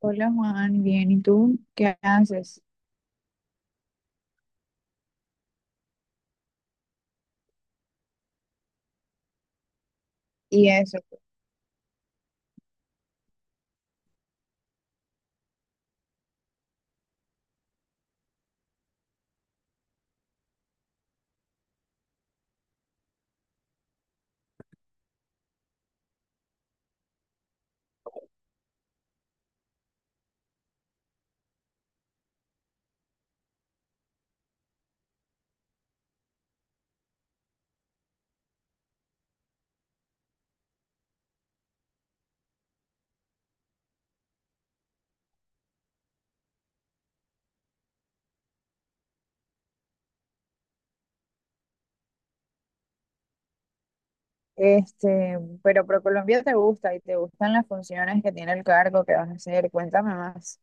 Hola Juan, bien, ¿y tú qué haces? Y eso, pero ProColombia te gusta y te gustan las funciones que tiene el cargo que vas a hacer, cuéntame más.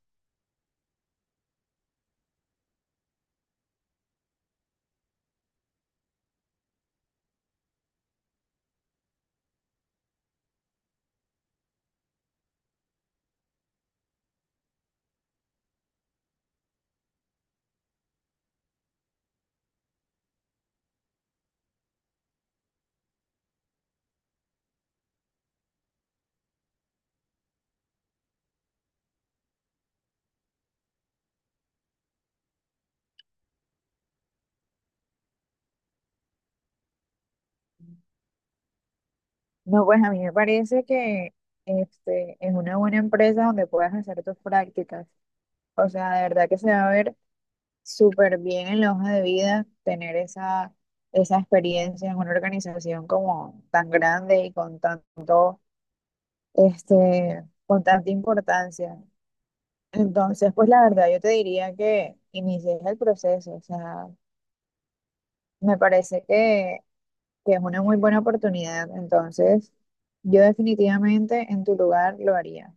No, pues a mí me parece que es una buena empresa donde puedas hacer tus prácticas. O sea, de verdad que se va a ver súper bien en la hoja de vida tener esa experiencia en una organización como tan grande y con con tanta importancia. Entonces, pues la verdad, yo te diría que inicies el proceso, o sea, me parece que es una muy buena oportunidad, entonces yo definitivamente en tu lugar lo haría.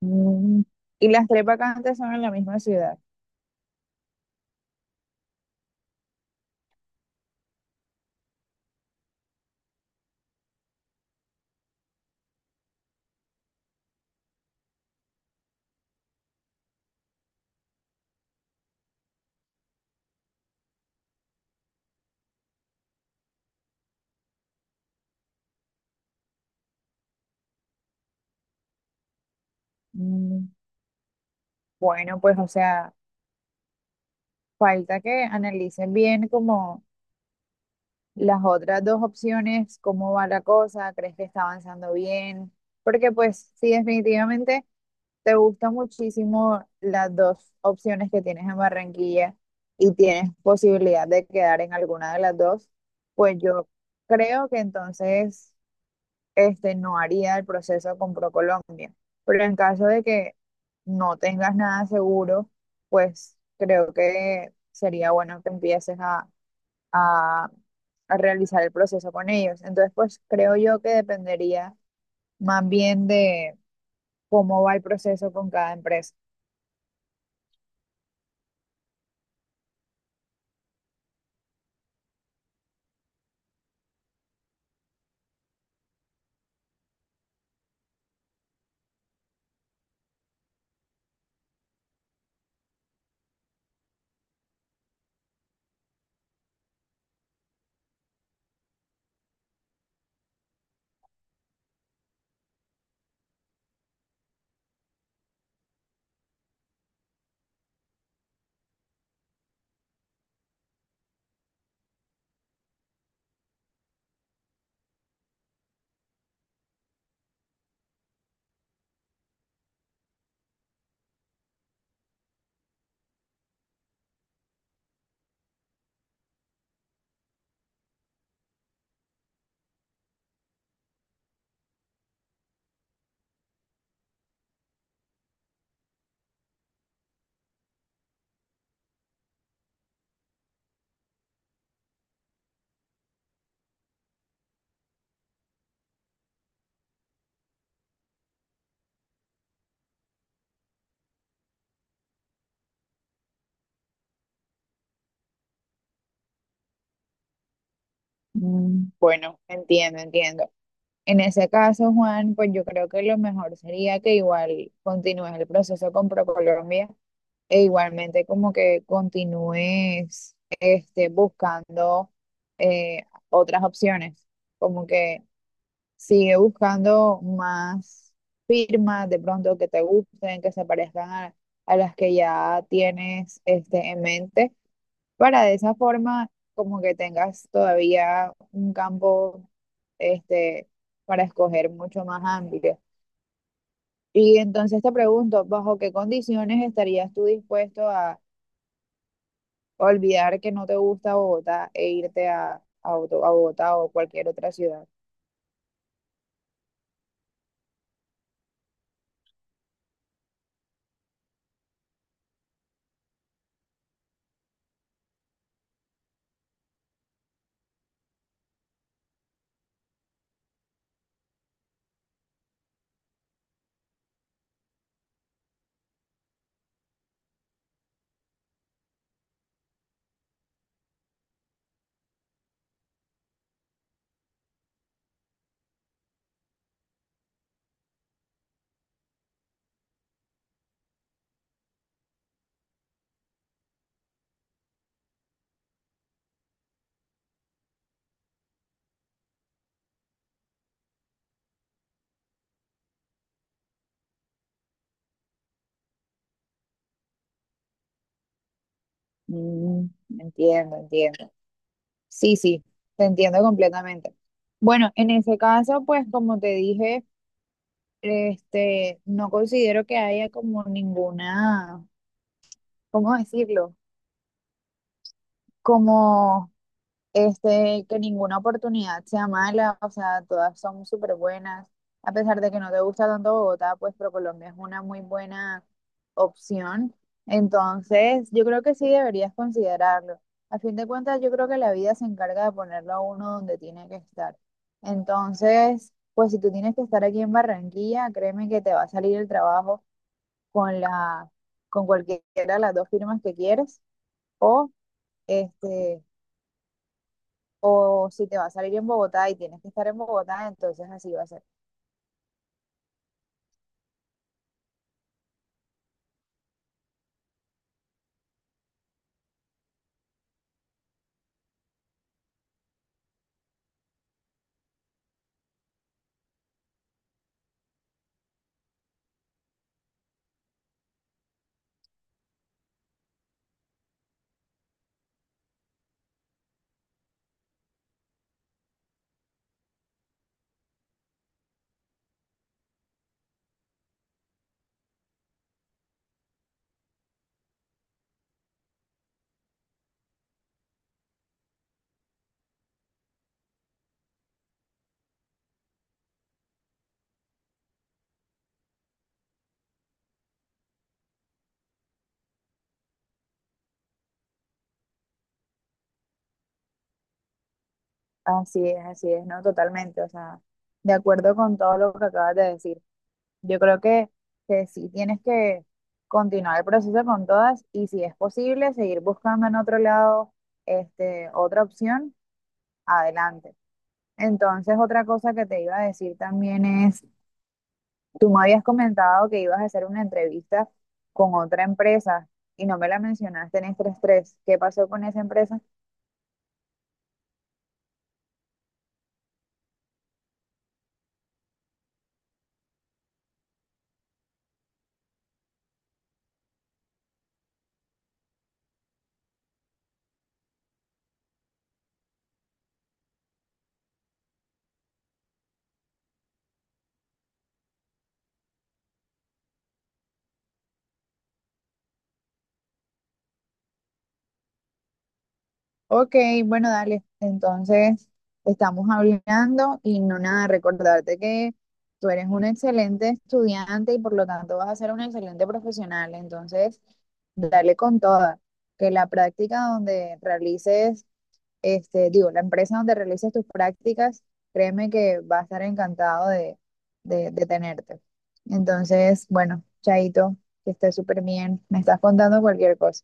Mm, ¿y las tres vacantes son en la misma ciudad? Mm, bueno, pues o sea, falta que analicen bien como las otras dos opciones, cómo va la cosa, crees que está avanzando bien, porque pues sí, definitivamente te gustan muchísimo las dos opciones que tienes en Barranquilla y tienes posibilidad de quedar en alguna de las dos, pues yo creo que entonces, no haría el proceso con ProColombia. Pero en caso de que no tengas nada seguro, pues creo que sería bueno que empieces a, a realizar el proceso con ellos. Entonces, pues creo yo que dependería más bien de cómo va el proceso con cada empresa. Mm, bueno, entiendo, entiendo. En ese caso, Juan, pues yo creo que lo mejor sería que igual continúes el proceso con ProColombia e igualmente como que continúes buscando otras opciones, como que sigue buscando más firmas de pronto que te gusten, que se parezcan a las que ya tienes, este, en mente, para de esa forma como que tengas todavía un campo, este, para escoger mucho más amplio. Y entonces te pregunto, ¿bajo qué condiciones estarías tú dispuesto a olvidar que no te gusta Bogotá e irte a Bogotá o cualquier otra ciudad? Mm, entiendo, entiendo. Sí, sí, te entiendo completamente. Bueno, en ese caso, pues como te dije, no considero que haya como ninguna... ¿Cómo decirlo? como que ninguna oportunidad sea mala, o sea, todas son súper buenas. A pesar de que no te gusta tanto Bogotá, pues ProColombia es una muy buena opción. Entonces, yo creo que sí deberías considerarlo. A fin de cuentas, yo creo que la vida se encarga de ponerlo a uno donde tiene que estar. Entonces, pues si tú tienes que estar aquí en Barranquilla, créeme que te va a salir el trabajo con con cualquiera de las dos firmas que quieres o este o si te va a salir en Bogotá y tienes que estar en Bogotá, entonces así va a ser. Así es, ¿no? Totalmente. O sea, de acuerdo con todo lo que acabas de decir. Yo creo que sí tienes que continuar el proceso con todas y si es posible, seguir buscando en otro lado, otra opción, adelante. Entonces, otra cosa que te iba a decir también es, tú me habías comentado que ibas a hacer una entrevista con otra empresa y no me la mencionaste en estrés 3. ¿Qué pasó con esa empresa? Ok, bueno, dale. Entonces, estamos hablando y no nada, recordarte que tú eres un excelente estudiante y por lo tanto vas a ser un excelente profesional. Entonces, dale con toda. Que la práctica donde realices, digo, la empresa donde realices tus prácticas, créeme que va a estar encantado de tenerte. Entonces, bueno, Chaito, que estés súper bien. Me estás contando cualquier cosa.